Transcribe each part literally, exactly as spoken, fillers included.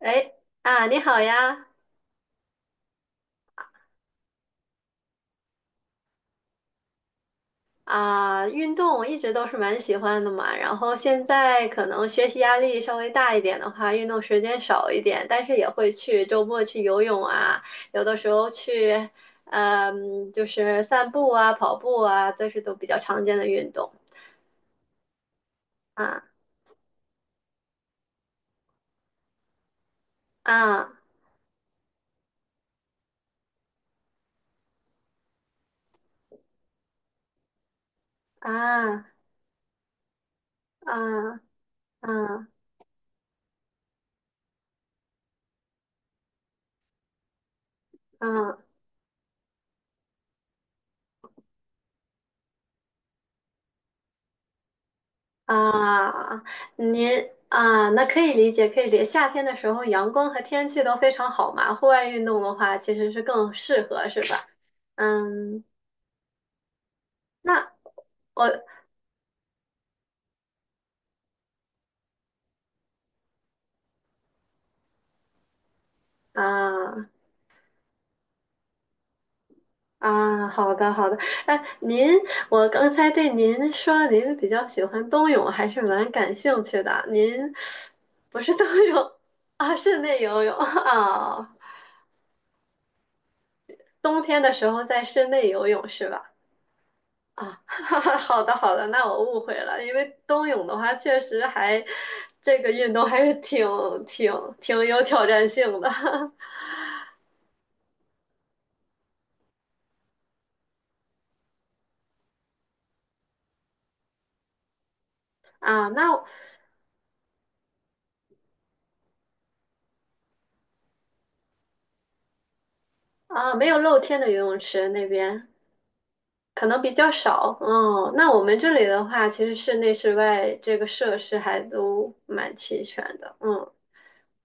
哎，啊，你好呀！啊，运动我一直都是蛮喜欢的嘛，然后现在可能学习压力稍微大一点的话，运动时间少一点，但是也会去周末去游泳啊，有的时候去，嗯，就是散步啊、跑步啊，这是都比较常见的运动。啊啊啊啊啊啊！啊，您啊，那可以理解，可以理解。夏天的时候，阳光和天气都非常好嘛，户外运动的话，其实是更适合，是吧？嗯，那我。啊啊，好的好的。哎，您，我刚才对您说，您比较喜欢冬泳，还是蛮感兴趣的。您不是冬泳。啊，室内游泳啊，冬天的时候在室内游泳是吧？啊，好的好的，那我误会了，因为冬泳的话，确实还这个运动还是挺挺挺有挑战性的。 啊。那啊，没有露天的游泳池那边可能比较少。哦，那我们这里的话，其实室内室外这个设施还都蛮齐全的。嗯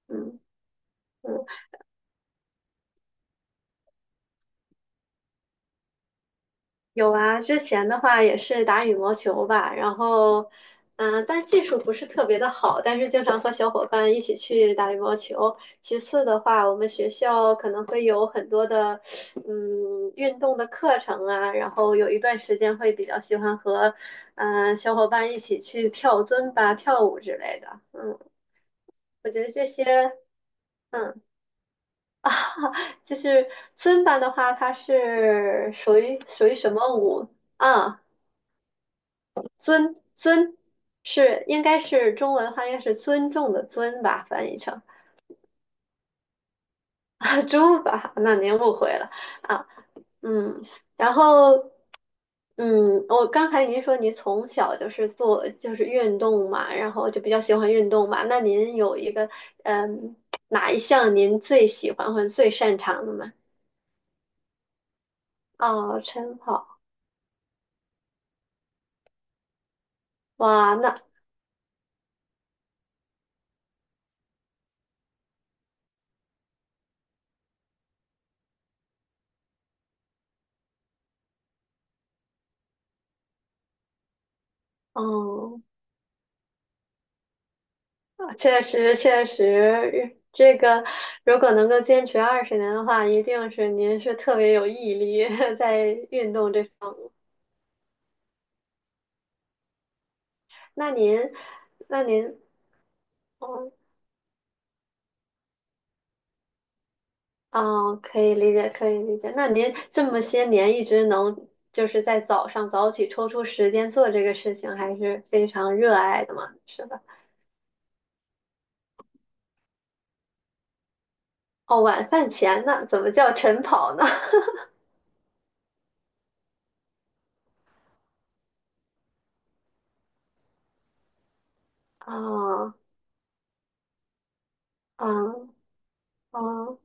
嗯嗯。有啊，之前的话也是打羽毛球吧，然后，嗯、但技术不是特别的好，但是经常和小伙伴一起去打羽毛球。其次的话，我们学校可能会有很多的，嗯，运动的课程啊，然后有一段时间会比较喜欢和，嗯、小伙伴一起去跳尊巴、跳舞之类的。嗯，我觉得这些。嗯啊，就是尊巴的话，它是属于属于什么舞？啊？尊尊是应该是中文的话，应该是尊重的尊吧，翻译成啊猪吧，那您误会了啊，嗯，然后嗯，我刚才您说您从小就是做就是运动嘛，然后就比较喜欢运动嘛，那您有一个嗯哪一项您最喜欢或者最擅长的吗？哦，晨跑，哇，那哦。啊确实，确实，这个如果能够坚持二十年的话，一定是您是特别有毅力 在运动这方面。那您，那您，哦哦，可以理解，可以理解。那您这么些年一直能就是在早上早起抽出时间做这个事情，还是非常热爱的嘛，是吧？哦，晚饭前呢，怎么叫晨跑呢？哦，嗯，哦。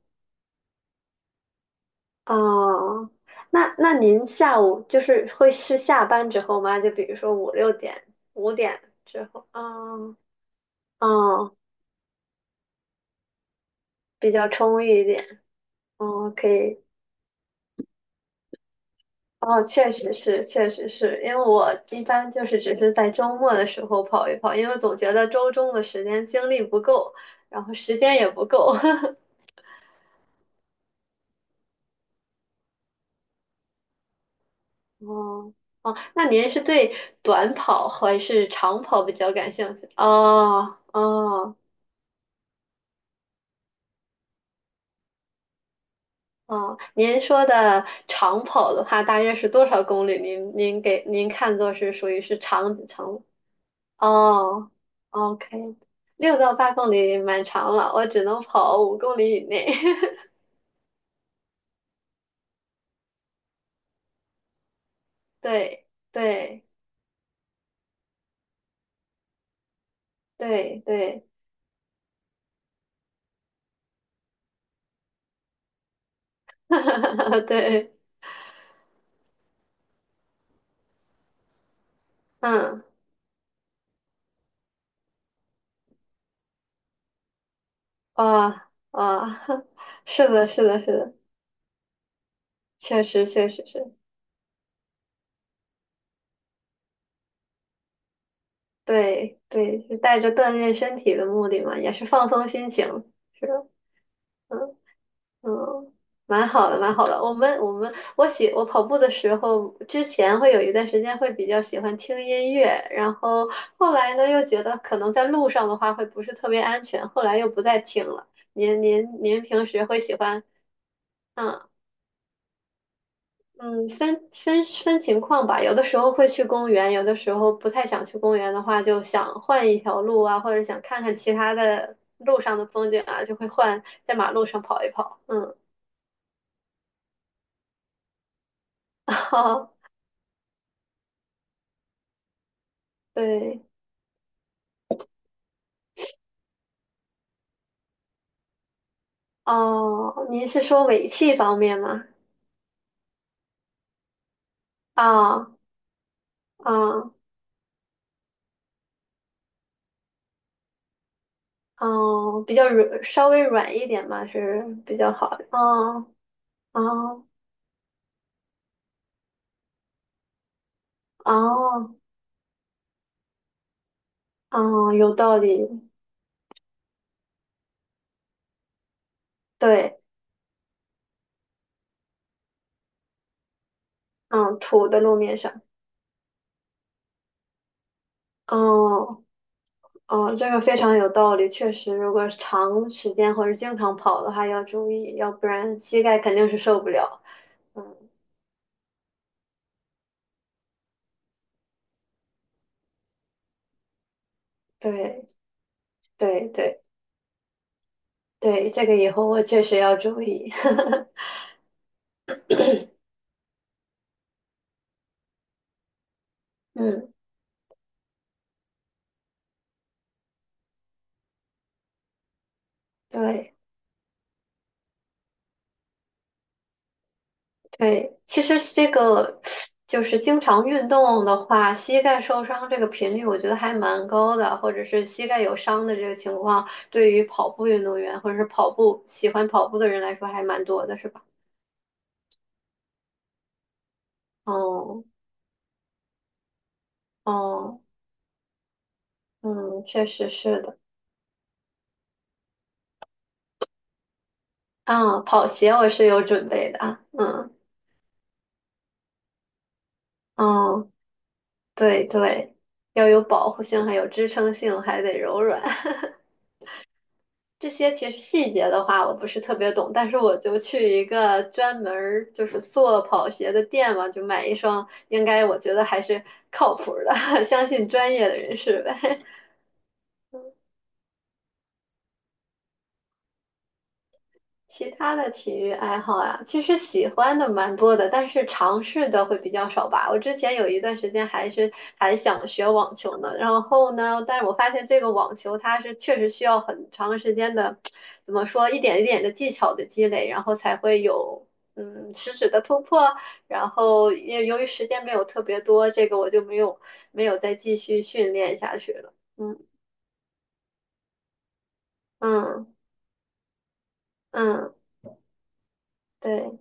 哦，那那您下午就是会是下班之后吗？就比如说五六点、五点之后。哦哦，比较充裕一点。哦，可以。哦，确实是，确实是，因为我一般就是只是在周末的时候跑一跑，因为总觉得周中的时间精力不够，然后时间也不够。哦哦，那您是对短跑还是长跑比较感兴趣？哦哦。哦，您说的长跑的话，大约是多少公里？您您给您看作是属于是长长哦，O K，六到八公里蛮长了，我只能跑五公里以内。对对对对。对。嗯。啊哇。是的，是的，是的。确实确实是。对对，是带着锻炼身体的目的嘛，也是放松心情。是的。嗯嗯，蛮好的，蛮好的。我们我们我喜我跑步的时候，之前会有一段时间会比较喜欢听音乐，然后后来呢又觉得可能在路上的话会不是特别安全，后来又不再听了。您您您平时会喜欢嗯嗯分分分情况吧，有的时候会去公园，有的时候不太想去公园的话，就想换一条路啊，或者想看看其他的路上的风景啊，就会换在马路上跑一跑。嗯，对。哦，您是说尾气方面吗？啊啊哦，比较软，稍微软一点嘛是比较好的。哦哦哦哦，有道理。对，嗯，土的路面上。哦哦，这个非常有道理，确实，如果是长时间或者经常跑的话，要注意，要不然膝盖肯定是受不了。嗯，对对对对，这个以后我确实要注意。嗯，对。对，其实是这个就是经常运动的话，膝盖受伤这个频率我觉得还蛮高的，或者是膝盖有伤的这个情况，对于跑步运动员或者是跑步喜欢跑步的人来说还蛮多的，是吧？哦哦嗯，确实是的。啊，跑鞋我是有准备的啊，嗯哦，对对，要有保护性，还有支撑性，还得柔软。这些其实细节的话，我不是特别懂，但是我就去一个专门儿就是做跑鞋的店嘛，就买一双，应该我觉得还是靠谱的，相信专业的人士呗。其他的体育爱好啊，其实喜欢的蛮多的，但是尝试的会比较少吧。我之前有一段时间还是还想学网球呢，然后呢，但是我发现这个网球它是确实需要很长时间的，怎么说，一点一点的技巧的积累，然后才会有嗯实质的突破。然后也由于时间没有特别多，这个我就没有没有再继续训练下去了。嗯嗯嗯，对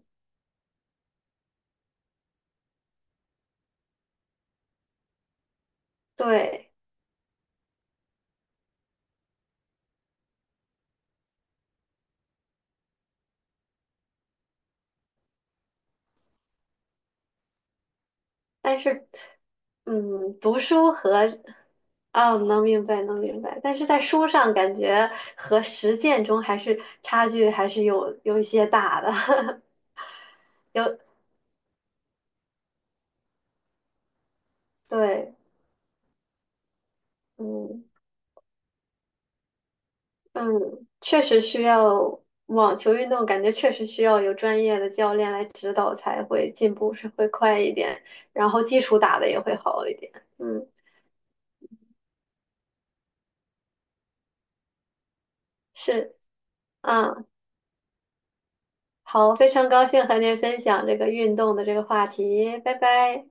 对。但是，嗯，读书和，啊，能明白，能明白。但是在书上感觉和实践中还是差距还是有有一些大的，有，对，嗯嗯，确实需要网球运动，感觉确实需要有专业的教练来指导才会进步是会快一点，然后基础打的也会好一点。嗯，是，嗯，好，非常高兴和您分享这个运动的这个话题，拜拜。